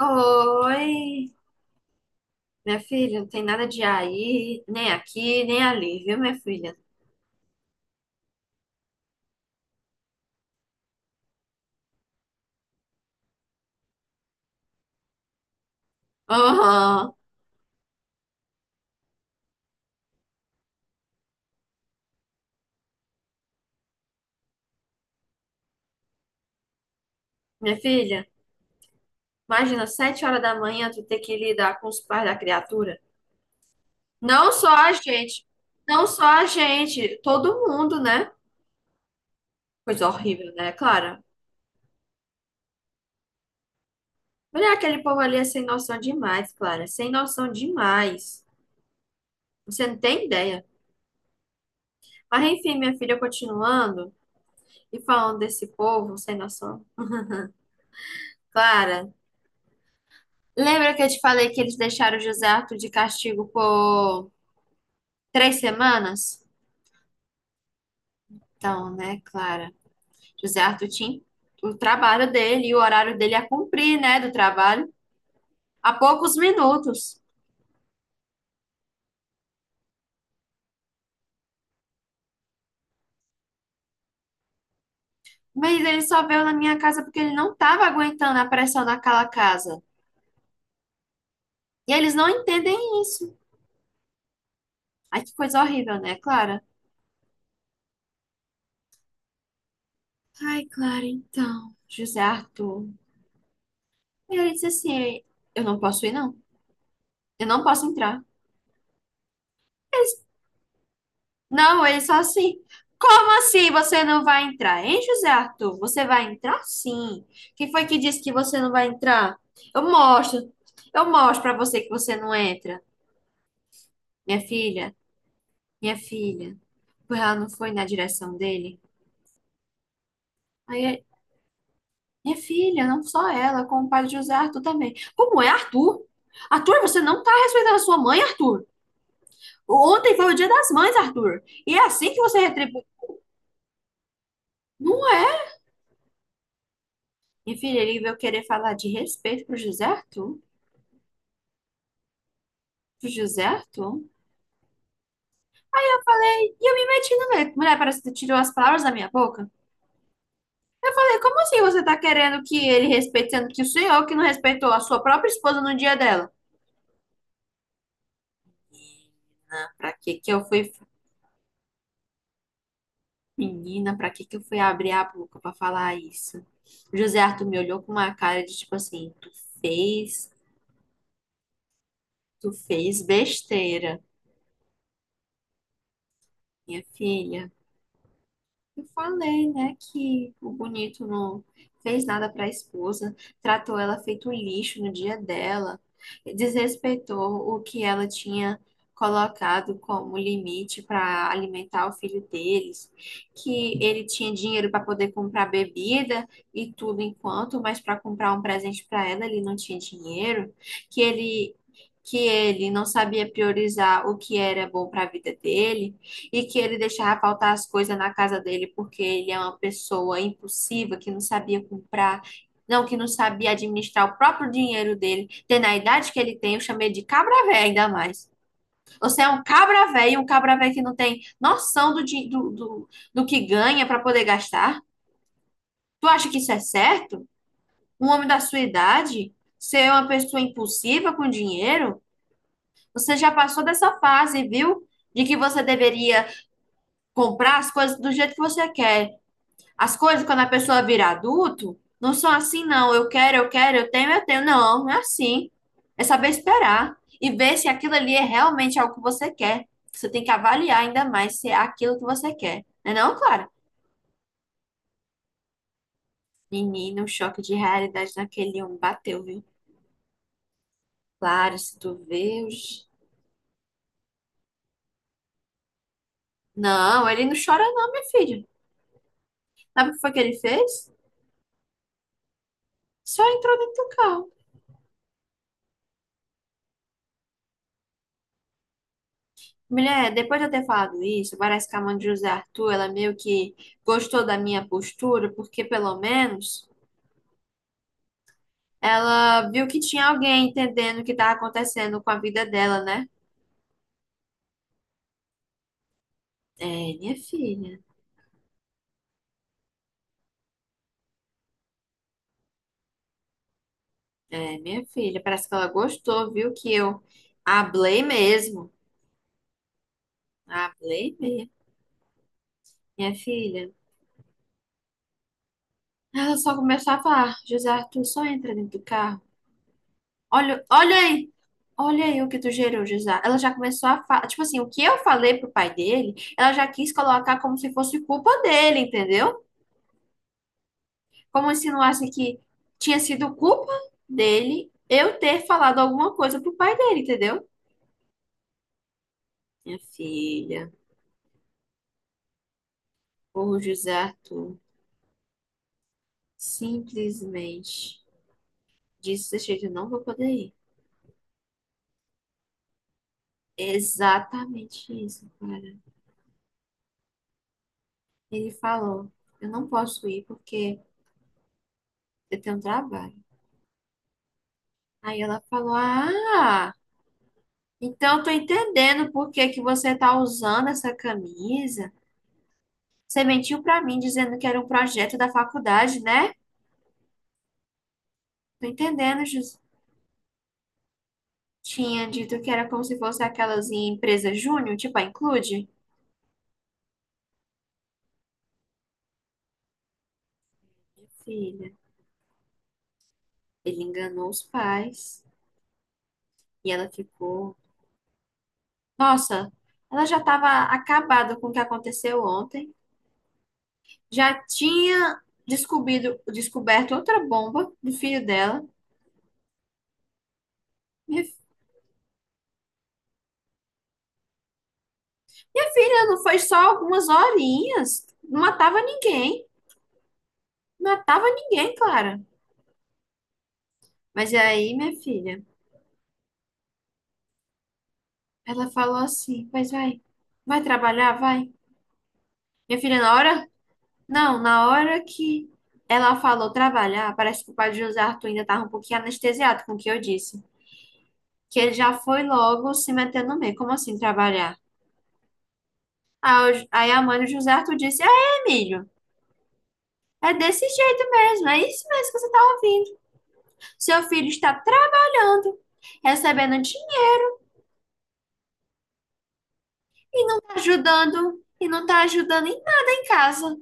Oi, minha filha, não tem nada de aí, nem aqui, nem ali, viu, minha filha? Aham. Minha filha, imagina, 7 horas da manhã tu ter que lidar com os pais da criatura. Não só a gente, não só a gente, todo mundo, né? Coisa horrível, né, Clara? Olha, aquele povo ali é sem noção demais, Clara, sem noção demais. Você não tem ideia. Mas enfim, minha filha, continuando e falando desse povo sem noção. Clara. Lembra que eu te falei que eles deixaram o José Arthur de castigo por 3 semanas? Então, né, Clara? José Arthur tinha o trabalho dele e o horário dele a cumprir, né, do trabalho, há poucos minutos. Mas ele só veio na minha casa porque ele não estava aguentando a pressão daquela casa. E eles não entendem isso. Ai, que coisa horrível, né, Clara? Ai, Clara, então, José Arthur. Ele disse assim: eu não posso ir, não. Eu não posso entrar. Ele... Não, ele só assim. Como assim você não vai entrar, hein, José Arthur? Você vai entrar sim. Quem foi que disse que você não vai entrar? Eu mostro. Eu mostro pra você que você não entra. Minha filha, minha filha. Porque ela não foi na direção dele. Aí, minha filha, não só ela, como o pai de José Arthur também. Como é, Arthur? Arthur, você não tá respeitando a sua mãe, Arthur. Ontem foi o dia das mães, Arthur. E é assim que você retribui. Não é. Minha filha, ele veio querer falar de respeito pro José Arthur. José Arthur? Eu falei, e eu me meti no meio. Mulher, parece que tu tirou as palavras da minha boca. Eu falei, como assim você tá querendo que ele respeite, sendo que o senhor que não respeitou a sua própria esposa no dia dela? Menina, pra que que eu fui... Menina, pra que que eu fui abrir a boca pra falar isso? O José Arthur me olhou com uma cara de tipo assim, fez, tu fez besteira, minha filha. Eu falei, né, que o bonito não fez nada para a esposa, tratou ela feito um lixo no dia dela, desrespeitou o que ela tinha colocado como limite para alimentar o filho deles, que ele tinha dinheiro para poder comprar bebida e tudo enquanto, mas para comprar um presente para ela ele não tinha dinheiro, que ele que ele não sabia priorizar o que era bom para a vida dele e que ele deixava faltar as coisas na casa dele porque ele é uma pessoa impulsiva que não sabia comprar, não, que não sabia administrar o próprio dinheiro dele. Tendo a idade que ele tem, eu chamei de cabra véia ainda mais. Você é um cabra véia que não tem noção do, do que ganha para poder gastar. Tu acha que isso é certo? Um homem da sua idade ser uma pessoa impulsiva com dinheiro? Você já passou dessa fase, viu? De que você deveria comprar as coisas do jeito que você quer. As coisas, quando a pessoa vira adulto, não são assim, não. Eu quero, eu quero, eu tenho, eu tenho. Não, não é assim. É saber esperar e ver se aquilo ali é realmente algo que você quer. Você tem que avaliar ainda mais se é aquilo que você quer. Não é não, Clara? Menina, um choque de realidade naquele homem bateu, viu? Clara, se tu vê... os... Não, ele não chora não, minha filha. Sabe o que foi que ele fez? Só entrou dentro do carro. Mulher, depois de eu ter falado isso, parece que a mãe de José Arthur, ela meio que gostou da minha postura, porque pelo menos ela viu que tinha alguém entendendo o que estava acontecendo com a vida dela, né? É, minha filha. É, minha filha. Parece que ela gostou, viu que eu hablei mesmo. Hablei mesmo. Minha filha. Ela só começou a falar, "Ah, José Arthur, só entra dentro do carro." Olha, olha aí. Olha aí o que tu gerou, José. Ela já começou a falar. Tipo assim, o que eu falei pro pai dele, ela já quis colocar como se fosse culpa dele, entendeu? Como se não insinuasse que tinha sido culpa dele eu ter falado alguma coisa pro pai dele, entendeu? Minha filha, o José Arthur simplesmente disse desse jeito, eu não vou poder ir. É exatamente isso, cara. Ele falou, eu não posso ir porque eu tenho trabalho. Aí ela falou, ah. Então, eu tô entendendo por que que você tá usando essa camisa. Você mentiu pra mim dizendo que era um projeto da faculdade, né? Tô entendendo, Jus. Tinha dito que era como se fosse aquelas em empresa júnior, tipo a Include. Minha filha, ele enganou os pais e ela ficou. Nossa, ela já estava acabada com o que aconteceu ontem. Já tinha descoberto outra bomba do filho dela. Minha Minha filha, não foi só algumas horinhas. Não matava ninguém. Não matava ninguém, Clara. Mas aí, minha filha, ela falou assim: pois vai, vai trabalhar, vai. Minha filha, na hora. Não, na hora que ela falou trabalhar, parece que o pai de José Arthur ainda estava um pouquinho anestesiado com o que eu disse. Que ele já foi logo se metendo no meio. Como assim trabalhar? Aí a mãe do José Arthur disse: é, Emílio, é desse jeito mesmo. É isso mesmo que você tá ouvindo. Seu filho está trabalhando, recebendo dinheiro, ajudando e não está ajudando em nada em casa.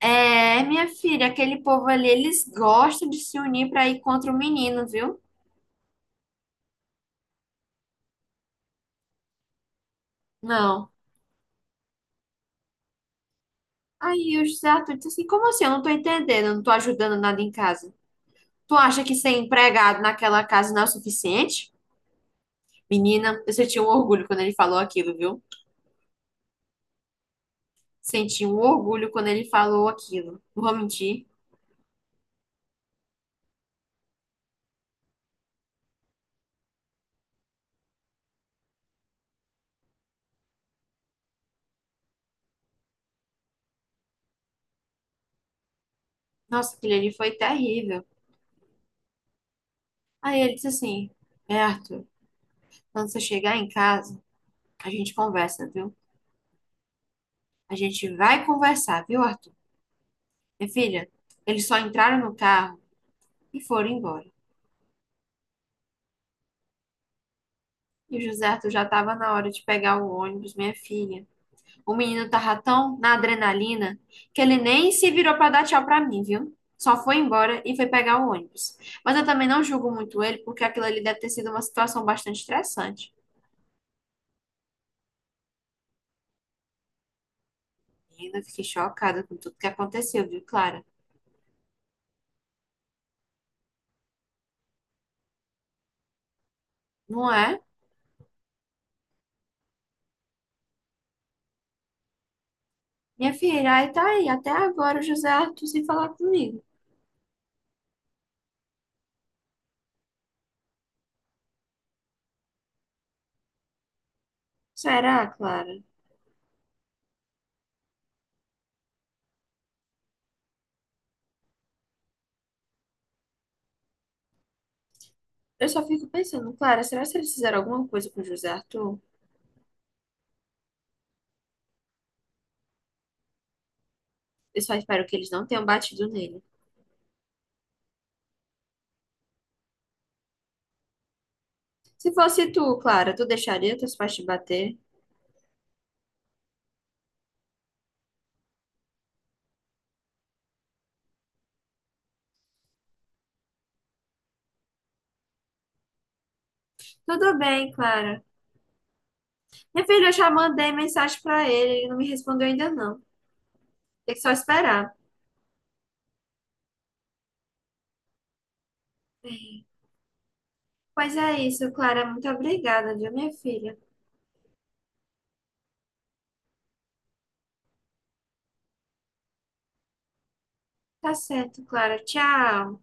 É, minha filha, aquele povo ali, eles gostam de se unir para ir contra o menino, viu? Não. Aí o José Arthur disse assim: como assim? Eu não tô entendendo, eu não tô ajudando nada em casa. Tu acha que ser empregado naquela casa não é o suficiente? Menina, eu senti um orgulho quando ele falou aquilo, viu? Senti um orgulho quando ele falou aquilo. Não vou mentir. Nossa, aquilo ali foi terrível. Aí ele disse assim: é, Arthur, quando você chegar em casa, a gente conversa, viu? A gente vai conversar, viu, Arthur? Minha filha, eles só entraram no carro e foram embora. E o José Arthur já estava na hora de pegar o ônibus, minha filha. O menino tava tão na adrenalina que ele nem se virou para dar tchau para mim, viu? Só foi embora e foi pegar o ônibus. Mas eu também não julgo muito ele, porque aquilo ali deve ter sido uma situação bastante estressante. E ainda fiquei chocada com tudo que aconteceu, viu, Clara? Não é? Minha filha, aí tá aí, até agora o José Arthur sem falar comigo. Será, Clara? Eu só fico pensando, Clara, será que eles fizeram alguma coisa com o José Arthur? Eu só espero que eles não tenham batido nele. Se fosse tu, Clara, tu deixaria teus pais te bater? Tudo bem, Clara. Minha filha, eu já mandei mensagem pra ele, ele não me respondeu ainda não. Tem que só esperar. Pois é isso, Clara. Muito obrigada, viu, minha filha? Tá certo, Clara. Tchau.